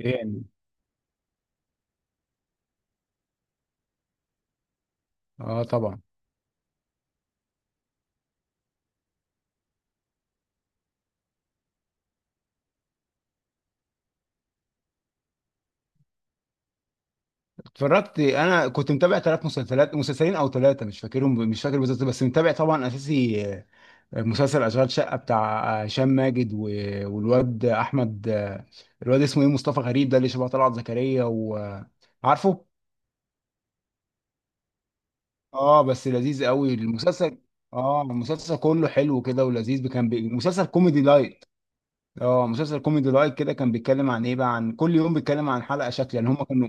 يعني اه طبعا، اتفرجت. انا كنت متابع ثلاث مسلسلات، مسلسلين او ثلاثه مش فاكرهم، مش فاكر بالظبط، بس متابع طبعا اساسي. مسلسل اشغال شقه بتاع هشام ماجد والواد احمد، الواد اسمه ايه، مصطفى غريب، ده اللي شبه طلعت زكريا وعارفه. اه بس لذيذ قوي المسلسل. اه المسلسل كله حلو كده ولذيذ، كان مسلسل كوميدي لايت. اه مسلسل كوميدي لايت كده، كان بيتكلم عن ايه بقى، عن كل يوم بيتكلم عن حلقه شكل، يعني هم كانوا.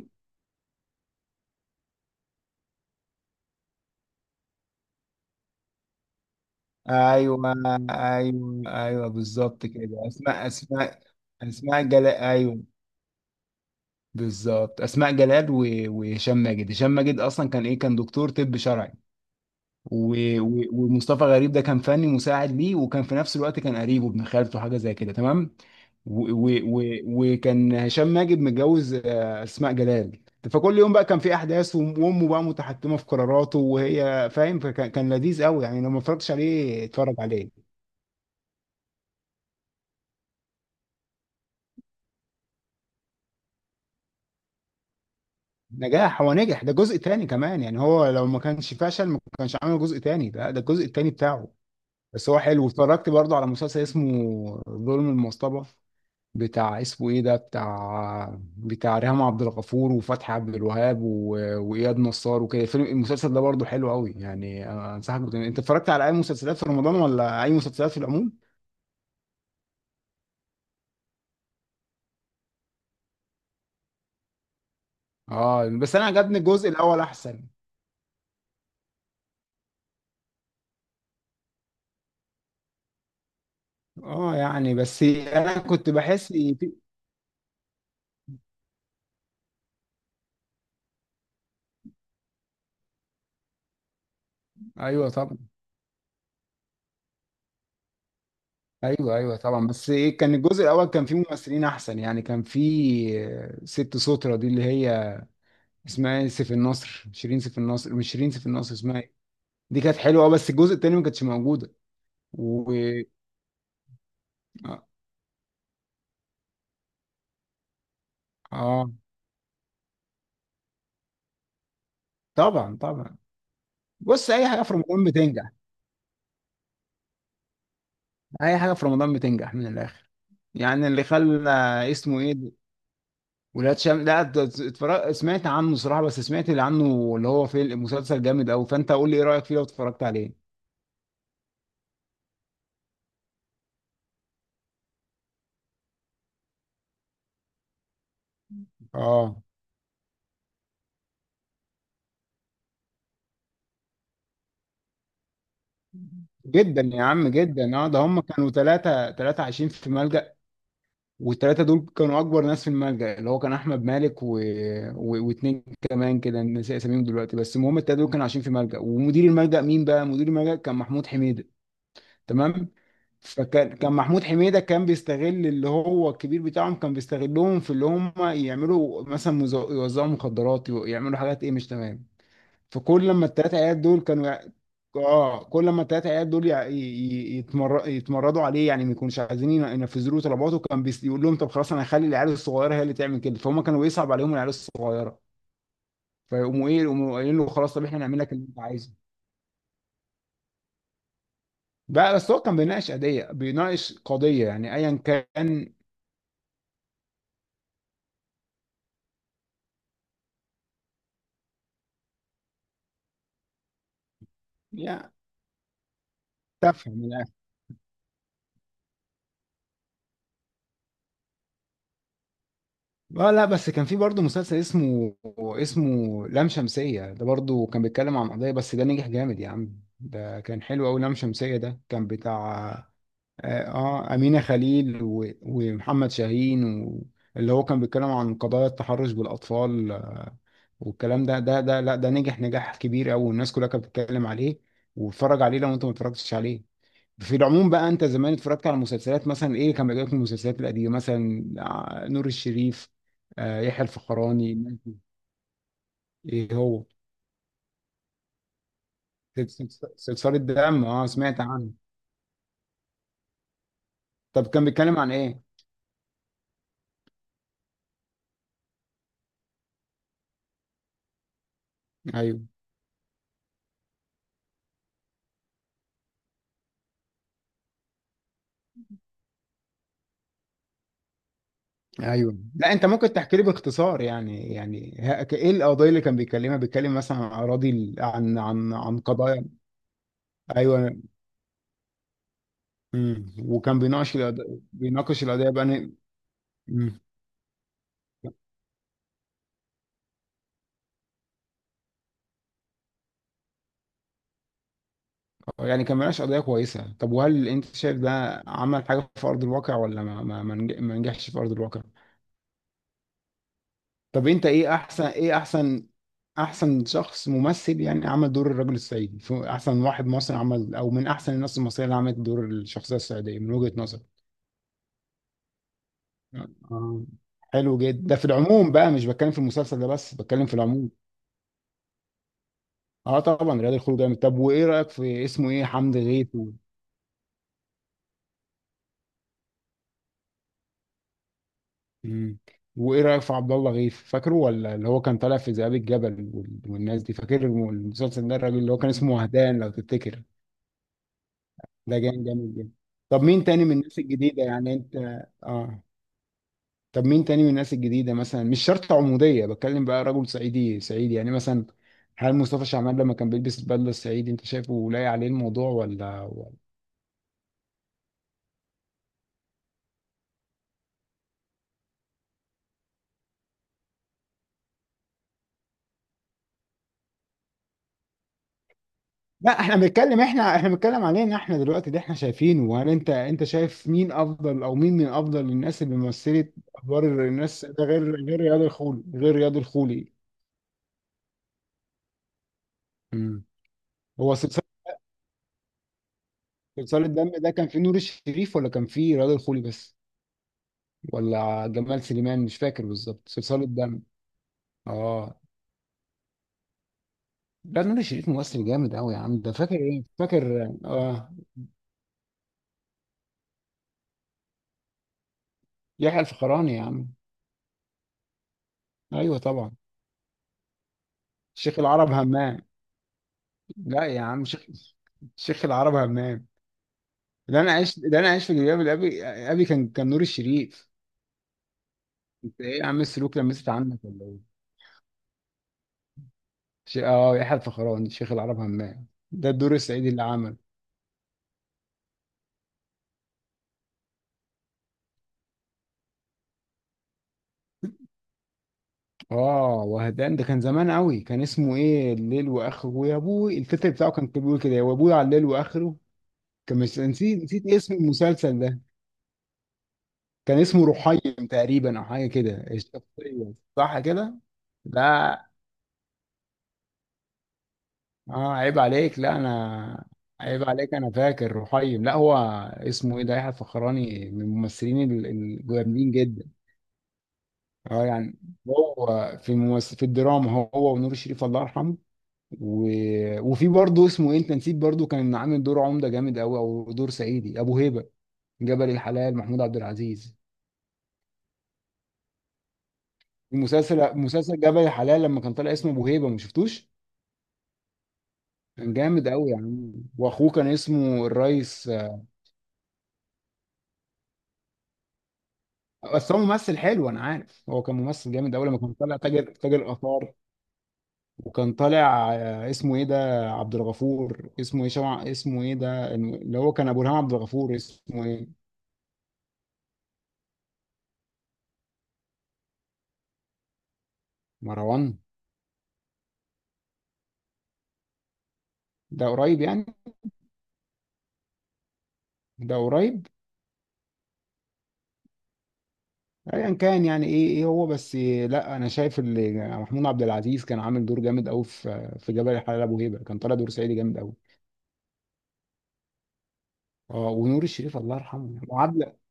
ايوه، ايوه ايوه بالظبط كده. اسماء، اسماء جلال، ايوه بالظبط اسماء جلال وهشام ماجد هشام ماجد اصلا كان ايه، كان دكتور طب شرعي، ومصطفى غريب ده كان فني مساعد ليه، وكان في نفس الوقت كان قريبه ابن خالته حاجه زي كده، تمام. وكان هشام ماجد متجوز اسماء جلال. فكل يوم بقى كان في احداث، وامه بقى متحكمه في قراراته وهي فاهم. فكان لذيذ قوي يعني، لو ما اتفرجتش عليه اتفرج عليه. نجاح، هو نجح، ده جزء تاني كمان يعني، هو لو ما كانش فشل ما كانش عمل جزء تاني، ده الجزء التاني بتاعه. بس هو حلو. اتفرجت برضه على مسلسل اسمه ظلم المصطبة، بتاع اسمه ايه ده، بتاع بتاع ريهام عبد الغفور وفتحي عبد الوهاب واياد نصار وكده. الفيلم المسلسل ده برضه حلو قوي يعني، أنا انصحك. انت اتفرجت على اي مسلسلات في رمضان، ولا اي مسلسلات في العموم؟ اه بس انا عجبني الجزء الاول احسن. اه يعني بس انا كنت بحس إيه ايوه طبعا. ايوه ايوه طبعا، بس ايه، كان الجزء الاول كان فيه ممثلين احسن يعني، كان فيه ست سوترة دي اللي هي اسمها ايه، سيف النصر، شيرين سيف النصر، مش شيرين سيف النصر اسمها ايه. دي كانت حلوه، اه بس الجزء التاني ما كانتش موجوده. و اه آه، طبعا طبعا. بص، اي حاجه في رمضان بتنجح، اي حاجه في رمضان بتنجح من الاخر. يعني اللي خلى اسمه ايه ده؟ ولاد شمس، لا، سمعت عنه صراحه، بس سمعت اللي عنه اللي هو في مسلسل جامد قوي، فانت قول لي ايه رايك فيه لو اتفرجت عليه. اه جدا يا عم، جدا. اه، ده هم كانوا ثلاثة، عايشين في ملجأ، والثلاثة دول كانوا أكبر ناس في الملجأ، اللي هو كان أحمد مالك واتنين كمان كده نسي أساميهم دلوقتي، بس المهم الثلاثة دول كانوا عايشين في ملجأ، ومدير الملجأ مين بقى؟ مدير الملجأ كان محمود حميدة، تمام؟ فكان محمود حميدة كان بيستغل اللي هو الكبير بتاعهم، كان بيستغلهم في اللي هم يعملوا مثلا يوزعوا مخدرات، يعملوا حاجات إيه، مش تمام. فكل لما التلاتة عيال دول كانوا كل لما التلاتة عيال دول يتمردوا عليه، يعني ما يكونوش عايزين ينفذوا له طلباته، كان يقول لهم طب خلاص انا هخلي العيال الصغيره هي اللي تعمل كده، فهم كانوا بيصعب عليهم العيال الصغيره، فيقوموا ايه، يقوموا قايلين له خلاص طب احنا نعمل لك اللي انت عايزه. بقى بس هو كان بيناقش قضيه، بيناقش قضيه يعني ايا كان، يعني تفهم. اه لا، بس كان في برضه مسلسل اسمه اسمه لام شمسية، ده برضه كان بيتكلم عن قضية، بس ده نجح جامد يا عم، ده كان حلو أوي. لام شمسية ده كان بتاع اه أمينة خليل ومحمد شاهين اللي هو كان بيتكلم عن قضايا التحرش بالأطفال والكلام ده. ده لا، ده نجح نجاح كبير أوي، والناس كلها كانت بتتكلم عليه، واتفرج عليه لو أنت ما اتفرجتش عليه. في العموم بقى، انت زمان اتفرجت على مسلسلات مثلا، ايه كان بيجيلك من المسلسلات القديمه، مثلا نور الشريف، يحيى الفخراني؟ ايه هو سلسله دم؟ اه، سمعت عنه. طب كان بيتكلم عن ايه؟ ايوه ايوه. لا انت ممكن تحكي لي باختصار يعني، يعني ايه القضايا اللي كان بيتكلمها، بيتكلم مثلا عن اراضي عن عن عن قضايا؟ ايوه. مم. وكان بيناقش القضايا، بيناقش القضايا بقى؟ يعني كان ملهاش قضية كويسة. طب وهل انت شايف ده عمل حاجة في أرض الواقع، ولا ما نجحش في أرض الواقع؟ طب انت ايه احسن، ايه احسن، احسن شخص ممثل يعني عمل دور الرجل الصعيدي، في احسن واحد مصري عمل، او من احسن الناس المصرية اللي عملت دور الشخصية الصعيدية من وجهة نظرك؟ آه. حلو جدا، ده في العموم بقى، مش بتكلم في المسلسل ده بس، بتكلم في العموم. اه طبعا رياض الخلود جامد. طب وايه رأيك في اسمه ايه، حمد غيث؟ مم. وايه رايك في عبد الله غيث؟ فاكره ولا؟ اللي هو كان طالع في ذئاب الجبل والناس دي، فاكر المسلسل ده، الراجل اللي هو كان اسمه وهدان لو تفتكر. ده كان جامد جدا. طب مين تاني من الناس الجديده، يعني انت؟ اه طب مين تاني من الناس الجديده مثلا، مش شرط عموديه، بتكلم بقى رجل صعيدي صعيدي يعني مثلا. هل مصطفى شعبان لما كان بيلبس البدله الصعيدي انت شايفه لايق عليه الموضوع ولا؟ لا احنا بنتكلم، احنا بنتكلم علينا احنا دلوقتي اللي احنا شايفينه، وهل انت، انت شايف مين افضل او مين من افضل الناس اللي مثلت ادوار الناس ده، غير، رياض الخولي، غير رياض الخولي؟ امم. هو صلصال، صلصال الدم ده كان فيه نور الشريف ولا كان فيه رياض الخولي بس، ولا جمال سليمان؟ مش فاكر بالظبط صلصال الدم. اه لا، نور الشريف ممثل جامد قوي يا عم ده، فاكر ايه فاكر. اه يحيى الفخراني يا عم. ايوه طبعا، شيخ العرب همام. لا يا عم، شيخ العرب همام. اللي انا عايش، اللي انا عايش في جلباب الابي، ابي كان، كان نور الشريف. انت ايه يا عم، السلوك لمست عنك ولا ايه؟ اه، يحيى الفخراني شيخ العرب همام، ده الدور السعيدي اللي عمل. اه وهدان ده كان زمان قوي، كان اسمه ايه، الليل واخره، ويا ابوي التتر بتاعه كان، كان بيقول كده، يا ابوي على الليل واخره. كان مش، نسيت نسيت اسم المسلسل ده. كان اسمه رحيم تقريبا او حاجه كده الشخصيه، صح كده؟ لا. اه عيب عليك، لا انا، عيب عليك انا فاكر رحيم. لا هو اسمه ايه ده، يحيى الفخراني من الممثلين الجامدين جدا. اه يعني هو، في ممثل في الدراما هو ونور الشريف الله يرحمه، و... وفي برضه اسمه ايه انت نسيت، برضه كان عامل دور عمده جامد قوي، او دور صعيدي، ابو هيبه، جبل الحلال، محمود عبد العزيز. المسلسل مسلسل جبل الحلال، لما كان طالع اسمه ابو هيبه، ما شفتوش؟ كان جامد قوي يعني، واخوه كان اسمه الريس. بس هو ممثل حلو، انا عارف هو كان ممثل جامد اول، لما كان طالع تاجر، تاجر اثار، وكان طالع اسمه ايه ده، عبد الغفور اسمه ايه، شمع اسمه ايه ده، اللي هو كان ابو الهام عبد الغفور اسمه ايه، مروان. ده قريب يعني، ده قريب. ايا كان يعني، ايه ايه هو بس، لا انا شايف اللي محمود عبد العزيز كان عامل دور جامد قوي، في في جبل الحلال، ابو هيبه كان طالع دور سعيدي جامد قوي. اه ونور الشريف الله يرحمه يعني. وعبد.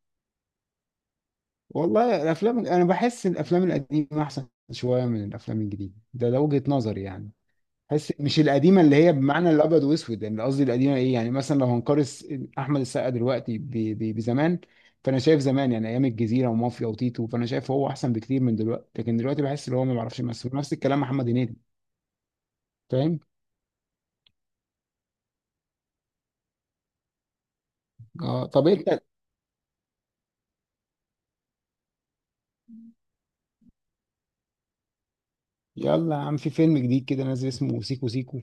والله الافلام انا بحس إن الافلام القديمه احسن شويه من الافلام الجديده، ده ده وجهه نظري يعني. بحس مش القديمه اللي هي بمعنى الابيض واسود يعني، قصدي القديمه ايه يعني، مثلا لو هنقارن احمد السقا دلوقتي بزمان، فانا شايف زمان، يعني ايام الجزيره ومافيا وتيتو، فانا شايف هو احسن بكتير من دلوقتي، لكن دلوقتي بحس ان هو ما بيعرفش يمثل. نفس الكلام محمد هنيدي، فاهم. اه طب انت، يلا يا عم، في فيلم جديد كده نازل اسمه سيكو سيكو،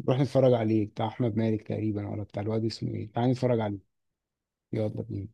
نروح نتفرج عليه، بتاع احمد مالك تقريبا، ولا بتاع الواد اسمه ايه، تعال نتفرج عليه. يلا بينا.